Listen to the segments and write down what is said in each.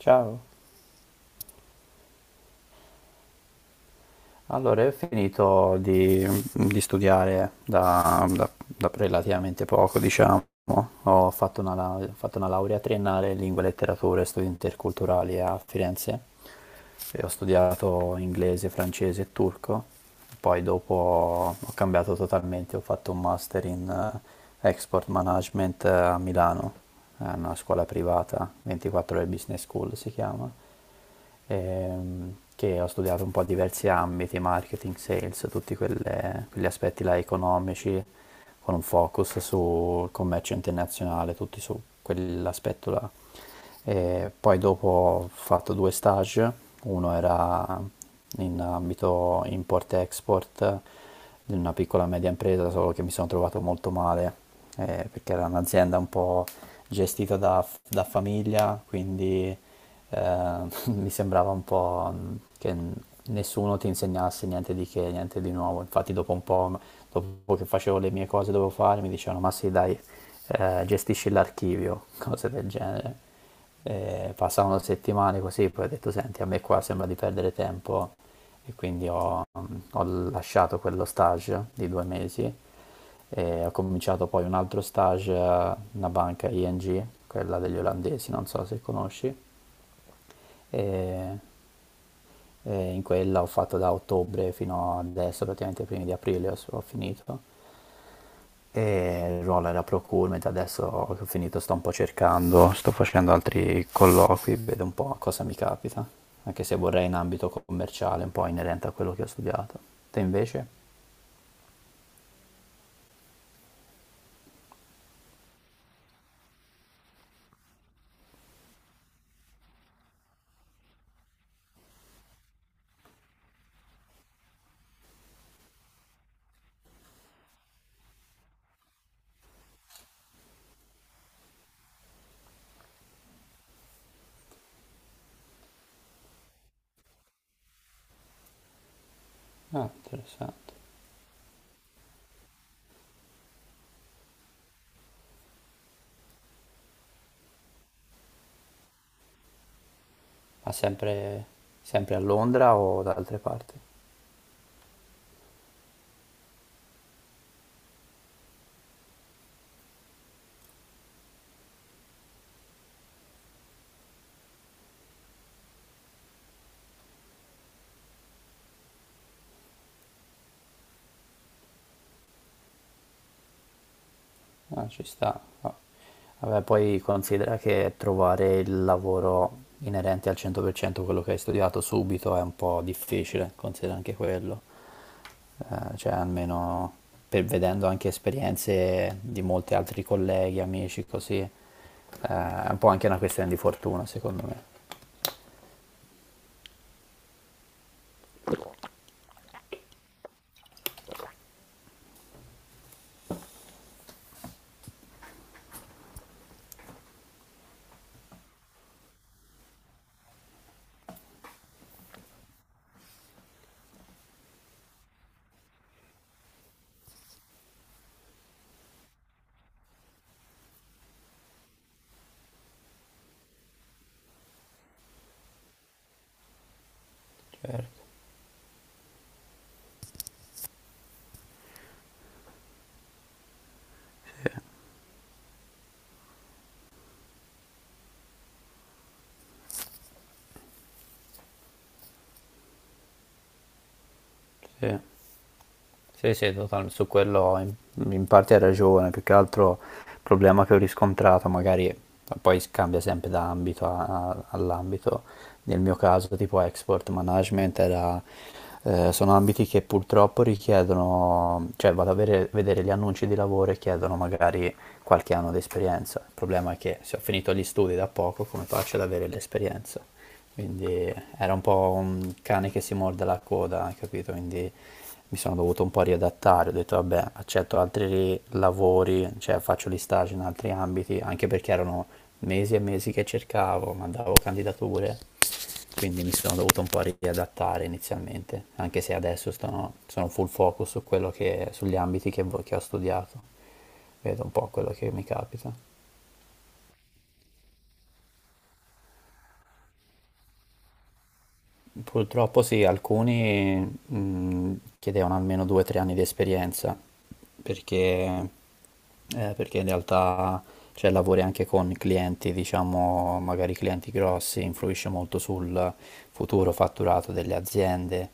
Ciao, allora io ho finito di studiare da relativamente poco, diciamo. Ho fatto una, ho fatto una laurea triennale in lingue e letterature e studi interculturali a Firenze e ho studiato inglese, francese e turco. Poi dopo ho cambiato totalmente, ho fatto un master in export management, a Milano. È una scuola privata, 24 ore business school si chiama. Che ho studiato un po' diversi ambiti, marketing, sales, tutti quegli aspetti là economici, con un focus sul commercio internazionale, tutti su quell'aspetto là. E poi dopo ho fatto due stage, uno era in ambito import-export, di una piccola e media impresa, solo che mi sono trovato molto male, perché era un'azienda un po' gestita da famiglia, quindi eh, mi sembrava un po' che nessuno ti insegnasse niente di che, niente di nuovo. Infatti dopo un po', dopo che facevo le mie cose dovevo fare, mi dicevano, ma sì, dai, gestisci l'archivio, cose del genere. Passavano settimane così, poi ho detto, senti, a me qua sembra di perdere tempo e quindi ho lasciato quello stage di due mesi e ho cominciato poi un altro stage a una banca ING, quella degli olandesi, non so se conosci, e in quella ho fatto da ottobre fino adesso, praticamente i primi di aprile ho finito. E il ruolo era procurement, adesso che ho finito sto un po' cercando, sto facendo altri colloqui, vedo un po' cosa mi capita, anche se vorrei in ambito commerciale, un po' inerente a quello che ho studiato. Te invece? Ah, interessante. Ma sempre, sempre a Londra o da altre parti? Ah, ci sta. Ah. Vabbè, poi considera che trovare il lavoro inerente al 100% quello che hai studiato subito è un po' difficile, considera anche quello. Cioè, almeno vedendo anche esperienze di molti altri colleghi, amici, così, è un po' anche una questione di fortuna, secondo me. Certo. Sì. Sì, sì, totalmente, su quello in parte hai ragione, più che altro il problema che ho riscontrato, magari poi cambia sempre da all'ambito, nel mio caso tipo export management era, sono ambiti che purtroppo richiedono, cioè vado a vedere gli annunci di lavoro e chiedono magari qualche anno di esperienza, il problema è che se ho finito gli studi da poco come faccio ad avere l'esperienza? Quindi era un po' un cane che si morde la coda, hai capito? Quindi mi sono dovuto un po' riadattare, ho detto vabbè, accetto altri lavori, cioè faccio gli stage in altri ambiti, anche perché erano mesi e mesi che cercavo, mandavo candidature, quindi mi sono dovuto un po' riadattare inizialmente, anche se adesso sono full focus su sugli ambiti che, che ho studiato, vedo un po' quello che mi capita. Purtroppo sì, alcuni mh, chiedevano almeno 2-3 anni di esperienza, perché, perché in realtà cioè, lavori anche con clienti, diciamo, magari clienti grossi, influisce molto sul futuro fatturato delle aziende.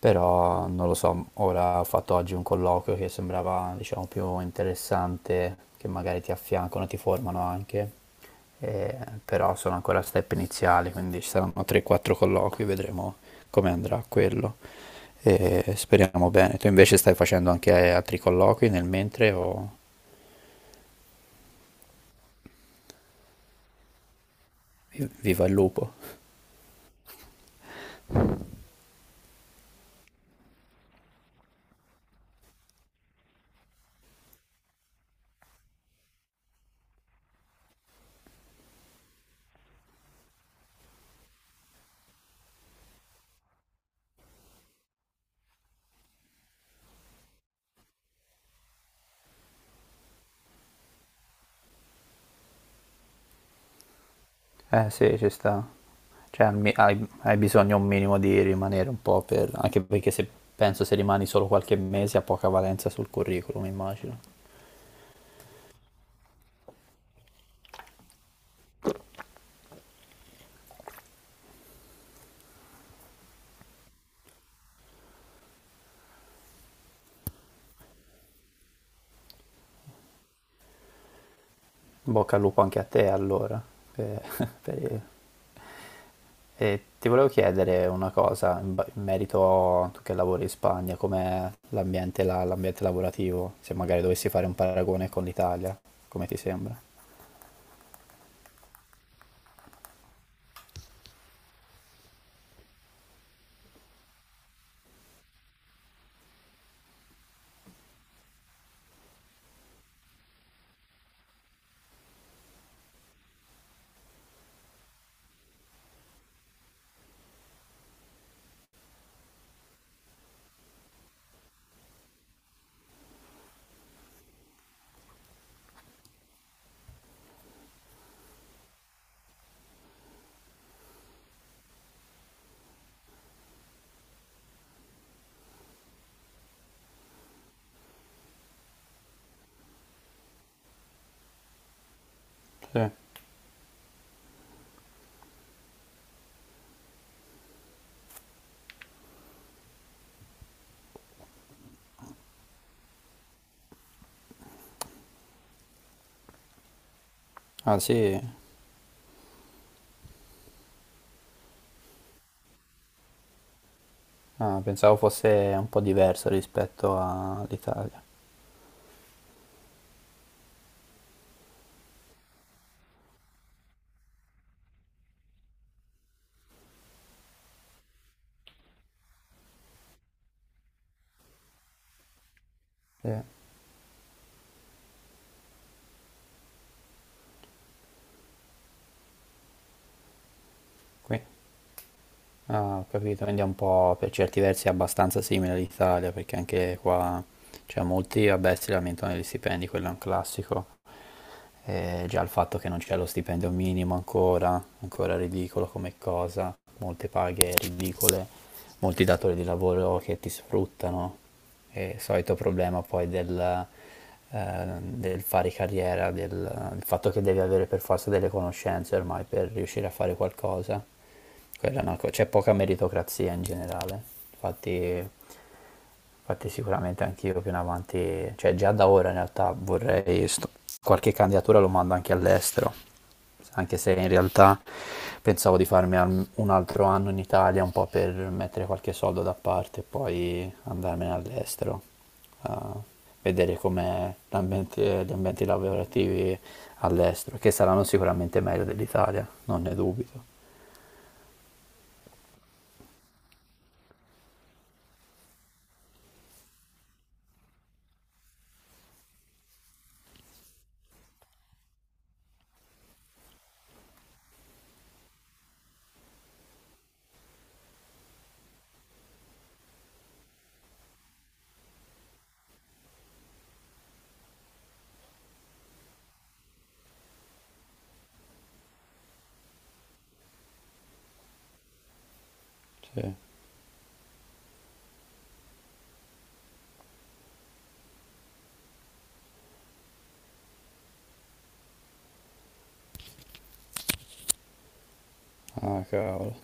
Però non lo so, ora ho fatto oggi un colloquio che sembrava, diciamo, più interessante, che magari ti affiancano, ti formano anche, eh, però sono ancora a step iniziali, quindi ci saranno 3-4 colloqui, vedremo come andrà quello. E speriamo bene. Tu invece stai facendo anche altri colloqui nel mentre o viva il lupo? Eh sì, ci sta. Cioè, hai, hai bisogno un minimo di rimanere un po' per... anche perché se penso se rimani solo qualche mese ha poca valenza sul curriculum, immagino. Bocca al lupo anche a te allora. per- per- E ti volevo chiedere una cosa in merito a tu che lavori in Spagna, com'è l'ambiente lavorativo, se magari dovessi fare un paragone con l'Italia, come ti sembra? Sì. Ah sì. Ah, pensavo fosse un po' diverso rispetto all'Italia. Sì. Qui? Ah, ho capito, quindi è un po' per certi versi abbastanza simile all'Italia, perché anche qua, cioè molti, vabbè, si lamentano degli stipendi, quello è un classico, già il fatto che non c'è lo stipendio minimo ancora, ancora ridicolo come cosa, molte paghe ridicole, molti datori di lavoro che ti sfruttano, e il solito problema poi del fare carriera, del, il fatto che devi avere per forza delle conoscenze ormai per riuscire a fare qualcosa. Quella è una c'è poca meritocrazia in generale, infatti. Infatti sicuramente anch'io più in avanti, cioè già da ora in realtà vorrei qualche candidatura lo mando anche all'estero, anche se in realtà pensavo di farmi un altro anno in Italia un po' per mettere qualche soldo da parte e poi andarmene all'estero, a vedere come gli ambienti lavorativi all'estero, che saranno sicuramente meglio dell'Italia, non ne dubito. Sì, ah cavolo,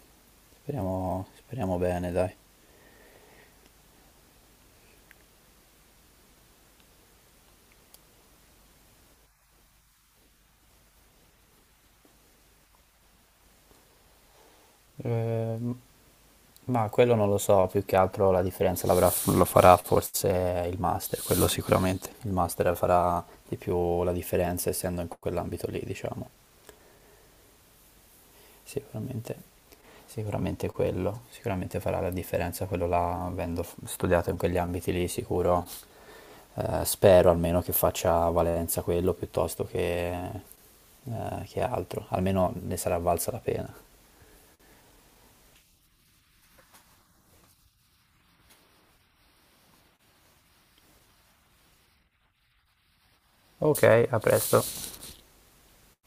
speriamo, speriamo bene, dai. Ehm, ma quello non lo so, più che altro la lo farà forse il master, quello sicuramente. Il master farà di più la differenza essendo in quell'ambito lì, diciamo. Sicuramente, sicuramente quello, sicuramente farà la differenza quello là, avendo studiato in quegli ambiti lì, sicuro. Spero almeno che faccia valenza quello piuttosto che altro, almeno ne sarà valsa la pena. Ok, a presto.